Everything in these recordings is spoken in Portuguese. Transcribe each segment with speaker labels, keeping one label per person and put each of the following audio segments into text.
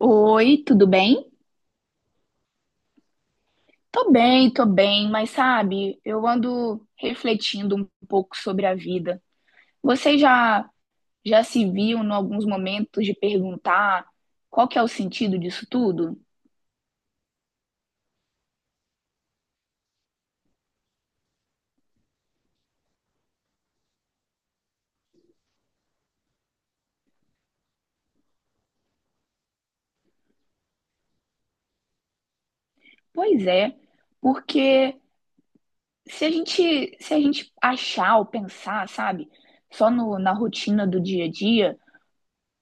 Speaker 1: Oi, tudo bem? Tô bem, tô bem, mas sabe, eu ando refletindo um pouco sobre a vida. Você já se viu em alguns momentos de perguntar qual que é o sentido disso tudo? Pois é, porque se a gente achar ou pensar, sabe, só no, na rotina do dia a dia.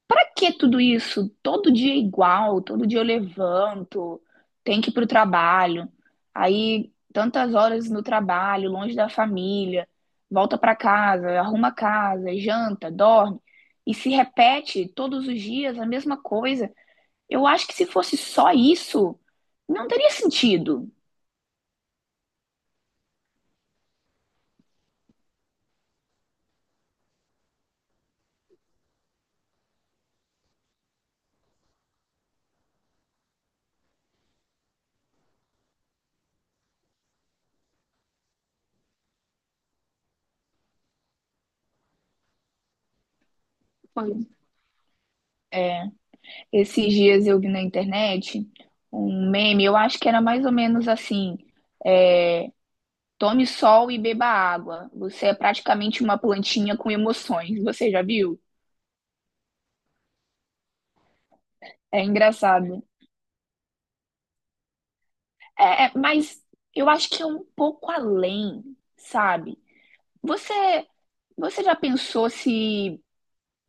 Speaker 1: Pra que tudo isso? Todo dia é igual, todo dia eu levanto, tenho que ir pro trabalho, aí tantas horas no trabalho, longe da família, volta pra casa, arruma a casa, janta, dorme, e se repete todos os dias a mesma coisa. Eu acho que se fosse só isso, não teria sentido. Esses dias eu vi na internet um meme, eu acho que era mais ou menos assim. Tome sol e beba água. Você é praticamente uma plantinha com emoções. Você já viu? É engraçado. É, é, mas eu acho que é um pouco além, sabe? Você, você já pensou se,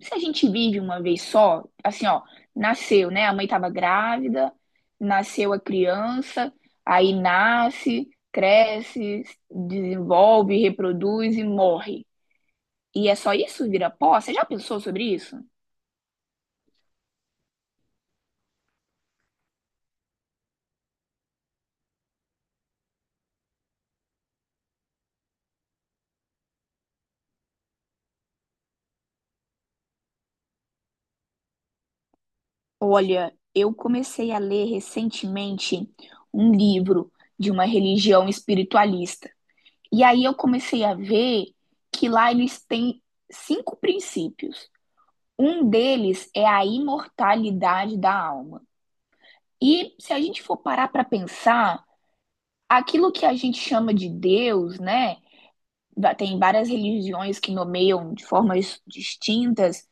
Speaker 1: se a gente vive uma vez só? Assim, ó, nasceu, né? A mãe estava grávida, nasceu a criança, aí nasce, cresce, desenvolve, reproduz e morre. E é só isso, vira pó? Você já pensou sobre isso? Olha, eu comecei a ler recentemente um livro de uma religião espiritualista. E aí eu comecei a ver que lá eles têm cinco princípios. Um deles é a imortalidade da alma. E se a gente for parar para pensar, aquilo que a gente chama de Deus, né? Tem várias religiões que nomeiam de formas distintas.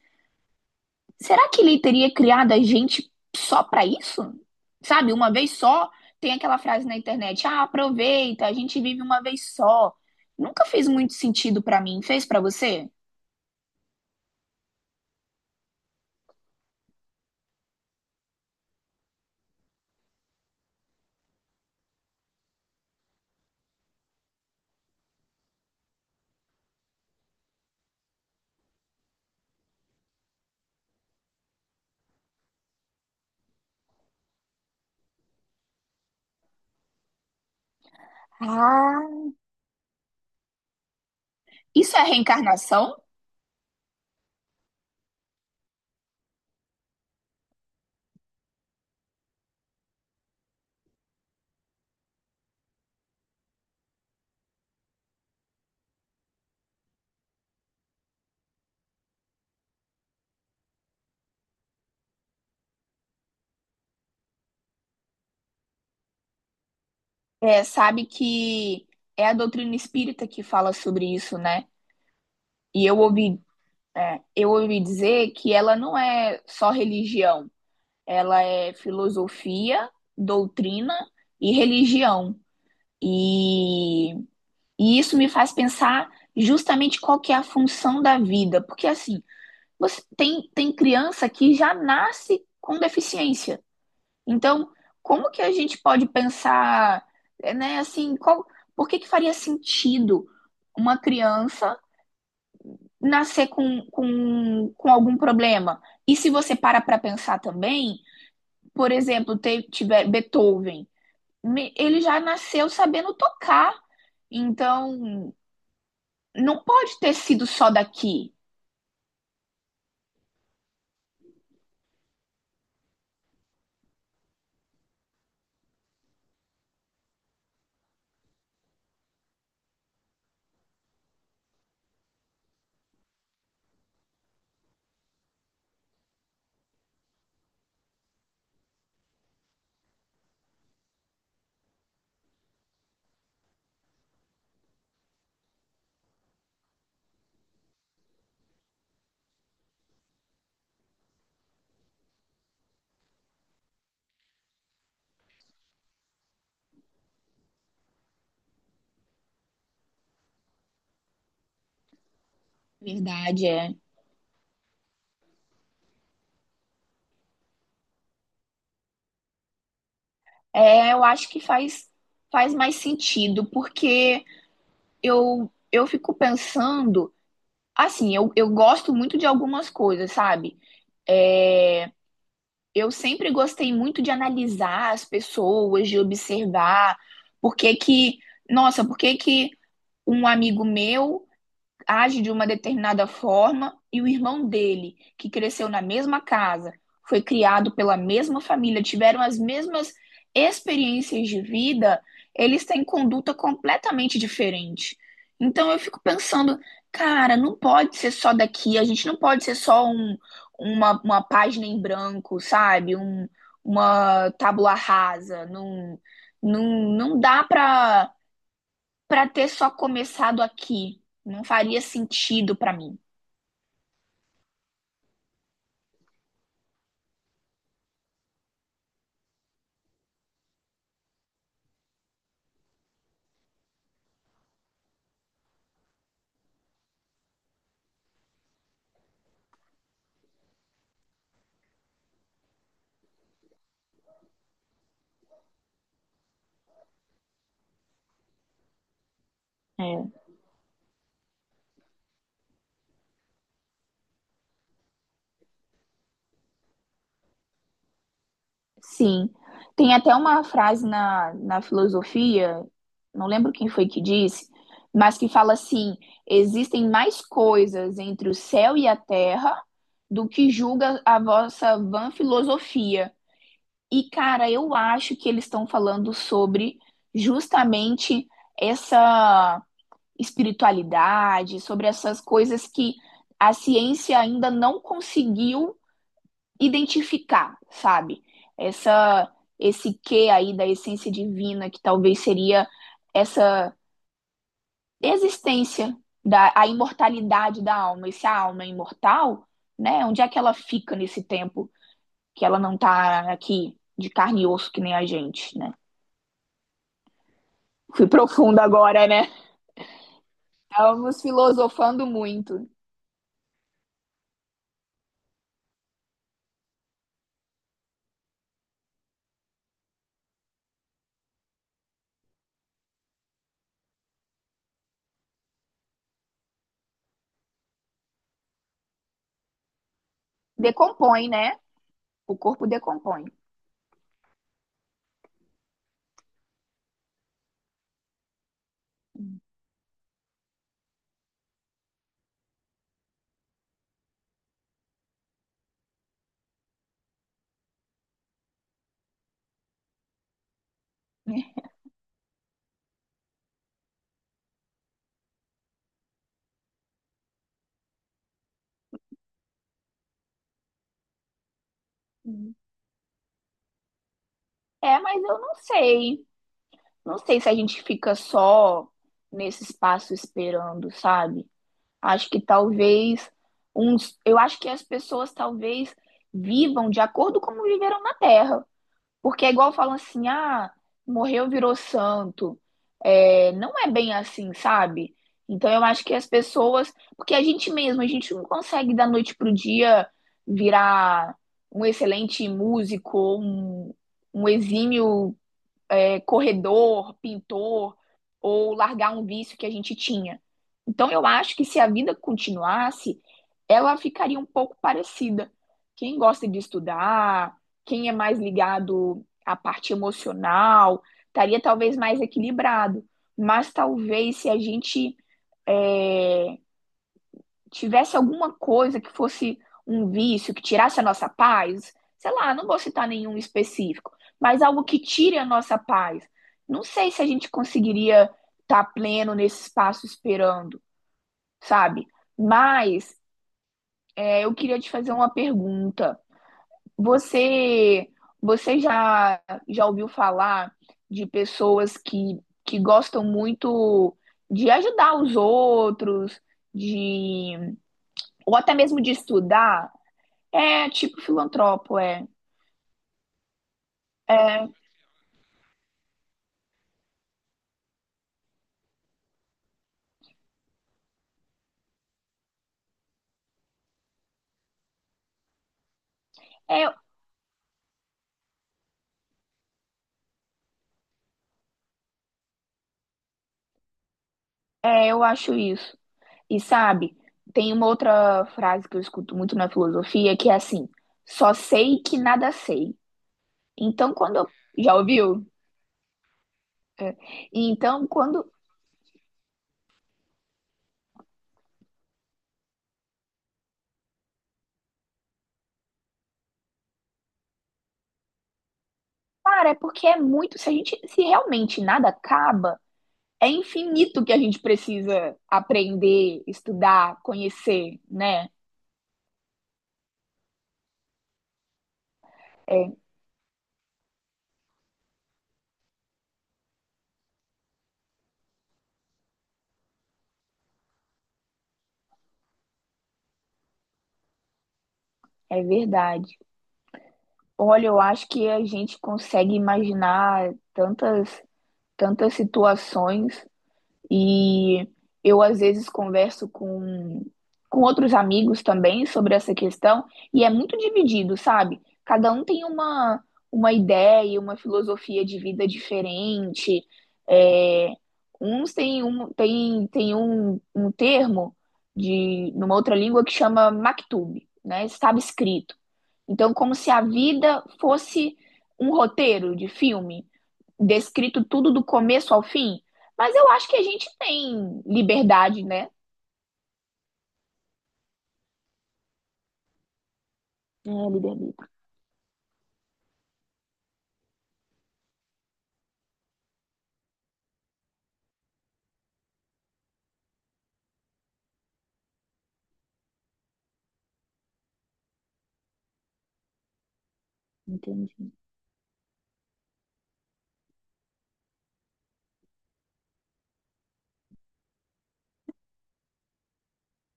Speaker 1: Será que ele teria criado a gente só pra isso? Sabe, uma vez só, tem aquela frase na internet: "Ah, aproveita, a gente vive uma vez só". Nunca fez muito sentido pra mim, fez pra você? Ah, isso é reencarnação? É, sabe que é a doutrina espírita que fala sobre isso, né? E eu ouvi, é, eu ouvi dizer que ela não é só religião, ela é filosofia, doutrina e religião. E E isso me faz pensar justamente qual que é a função da vida, porque assim, você tem criança que já nasce com deficiência. Então, como que a gente pode pensar, né, assim, por que que faria sentido uma criança nascer com algum problema? E se você para para pensar também, por exemplo, tiver Beethoven, ele já nasceu sabendo tocar. Então, não pode ter sido só daqui. Verdade, é. É, eu acho que faz mais sentido, porque eu fico pensando, assim, eu gosto muito de algumas coisas, sabe? É, eu sempre gostei muito de analisar as pessoas, de observar por que que, nossa, por que que um amigo meu age de uma determinada forma e o irmão dele, que cresceu na mesma casa, foi criado pela mesma família, tiveram as mesmas experiências de vida, eles têm conduta completamente diferente. Então eu fico pensando, cara, não pode ser só daqui, a gente não pode ser só um, uma página em branco, sabe? Uma tábula rasa, não, não dá para ter só começado aqui. Não faria sentido para mim. É, sim. Tem até uma frase na filosofia, não lembro quem foi que disse, mas que fala assim: existem mais coisas entre o céu e a terra do que julga a vossa vã filosofia. E, cara, eu acho que eles estão falando sobre justamente essa espiritualidade, sobre essas coisas que a ciência ainda não conseguiu identificar, sabe? Essa esse que aí da essência divina que talvez seria essa existência da a imortalidade da alma, e se a alma é imortal, né? Onde é que ela fica nesse tempo que ela não tá aqui de carne e osso que nem a gente, né? Fui profunda agora, né? Estamos filosofando muito. Decompõe, né? O corpo decompõe. Uhum. É, mas eu não sei. Não sei se a gente fica só nesse espaço esperando, sabe? Acho que talvez uns, eu acho que as pessoas talvez vivam de acordo com como viveram na Terra. Porque é igual falam assim, ah, morreu, virou santo. É, não é bem assim, sabe? Então eu acho que as pessoas, porque a gente mesmo, a gente não consegue da noite pro dia virar um excelente músico, ou um, exímio corredor, pintor, ou largar um vício que a gente tinha. Então, eu acho que se a vida continuasse, ela ficaria um pouco parecida. Quem gosta de estudar, quem é mais ligado à parte emocional, estaria talvez mais equilibrado. Mas talvez se a gente é, tivesse alguma coisa que fosse um vício, que tirasse a nossa paz, sei lá, não vou citar nenhum específico, mas algo que tire a nossa paz. Não sei se a gente conseguiria estar pleno nesse espaço esperando, sabe? Mas eu queria te fazer uma pergunta. Você, você já ouviu falar de pessoas que gostam muito de ajudar os outros, de ou até mesmo de estudar? É tipo filantropo, é. É, eu acho isso. E sabe, tem uma outra frase que eu escuto muito na filosofia que é assim: só sei que nada sei. Então, quando eu. Já ouviu? Então, quando. Cara, é porque é muito. Se a gente. Se realmente nada acaba, é infinito que a gente precisa aprender, estudar, conhecer, né? É, é verdade. Olha, eu acho que a gente consegue imaginar tantas, tantas situações. E eu, às vezes, converso com outros amigos também sobre essa questão, e é muito dividido, sabe? Cada um tem uma ideia, uma filosofia de vida diferente. É, uns têm um termo de numa outra língua que chama maktub, né? Estava escrito. Então, como se a vida fosse um roteiro de filme, descrito tudo do começo ao fim, mas eu acho que a gente tem liberdade, né? É, liberdade. Entendi.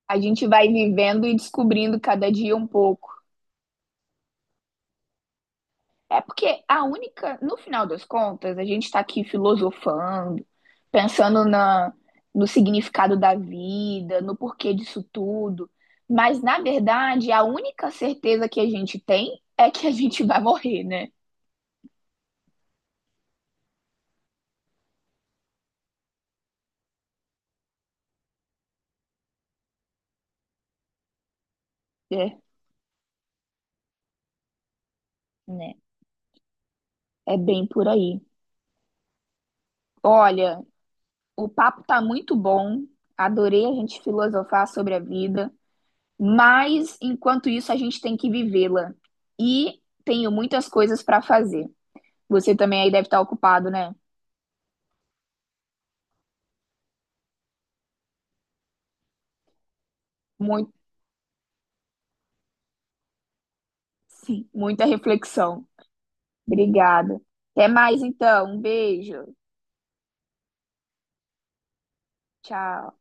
Speaker 1: A gente vai vivendo e descobrindo cada dia um pouco. É porque a única, no final das contas, a gente está aqui filosofando, pensando no significado da vida, no porquê disso tudo. Mas, na verdade, a única certeza que a gente tem é que a gente vai morrer, né? É, né? É bem por aí. Olha, o papo tá muito bom. Adorei a gente filosofar sobre a vida, mas enquanto isso a gente tem que vivê-la. E tenho muitas coisas para fazer. Você também aí deve estar ocupado, né? Muito, sim, muita reflexão. Obrigada. Até mais então. Um beijo. Tchau.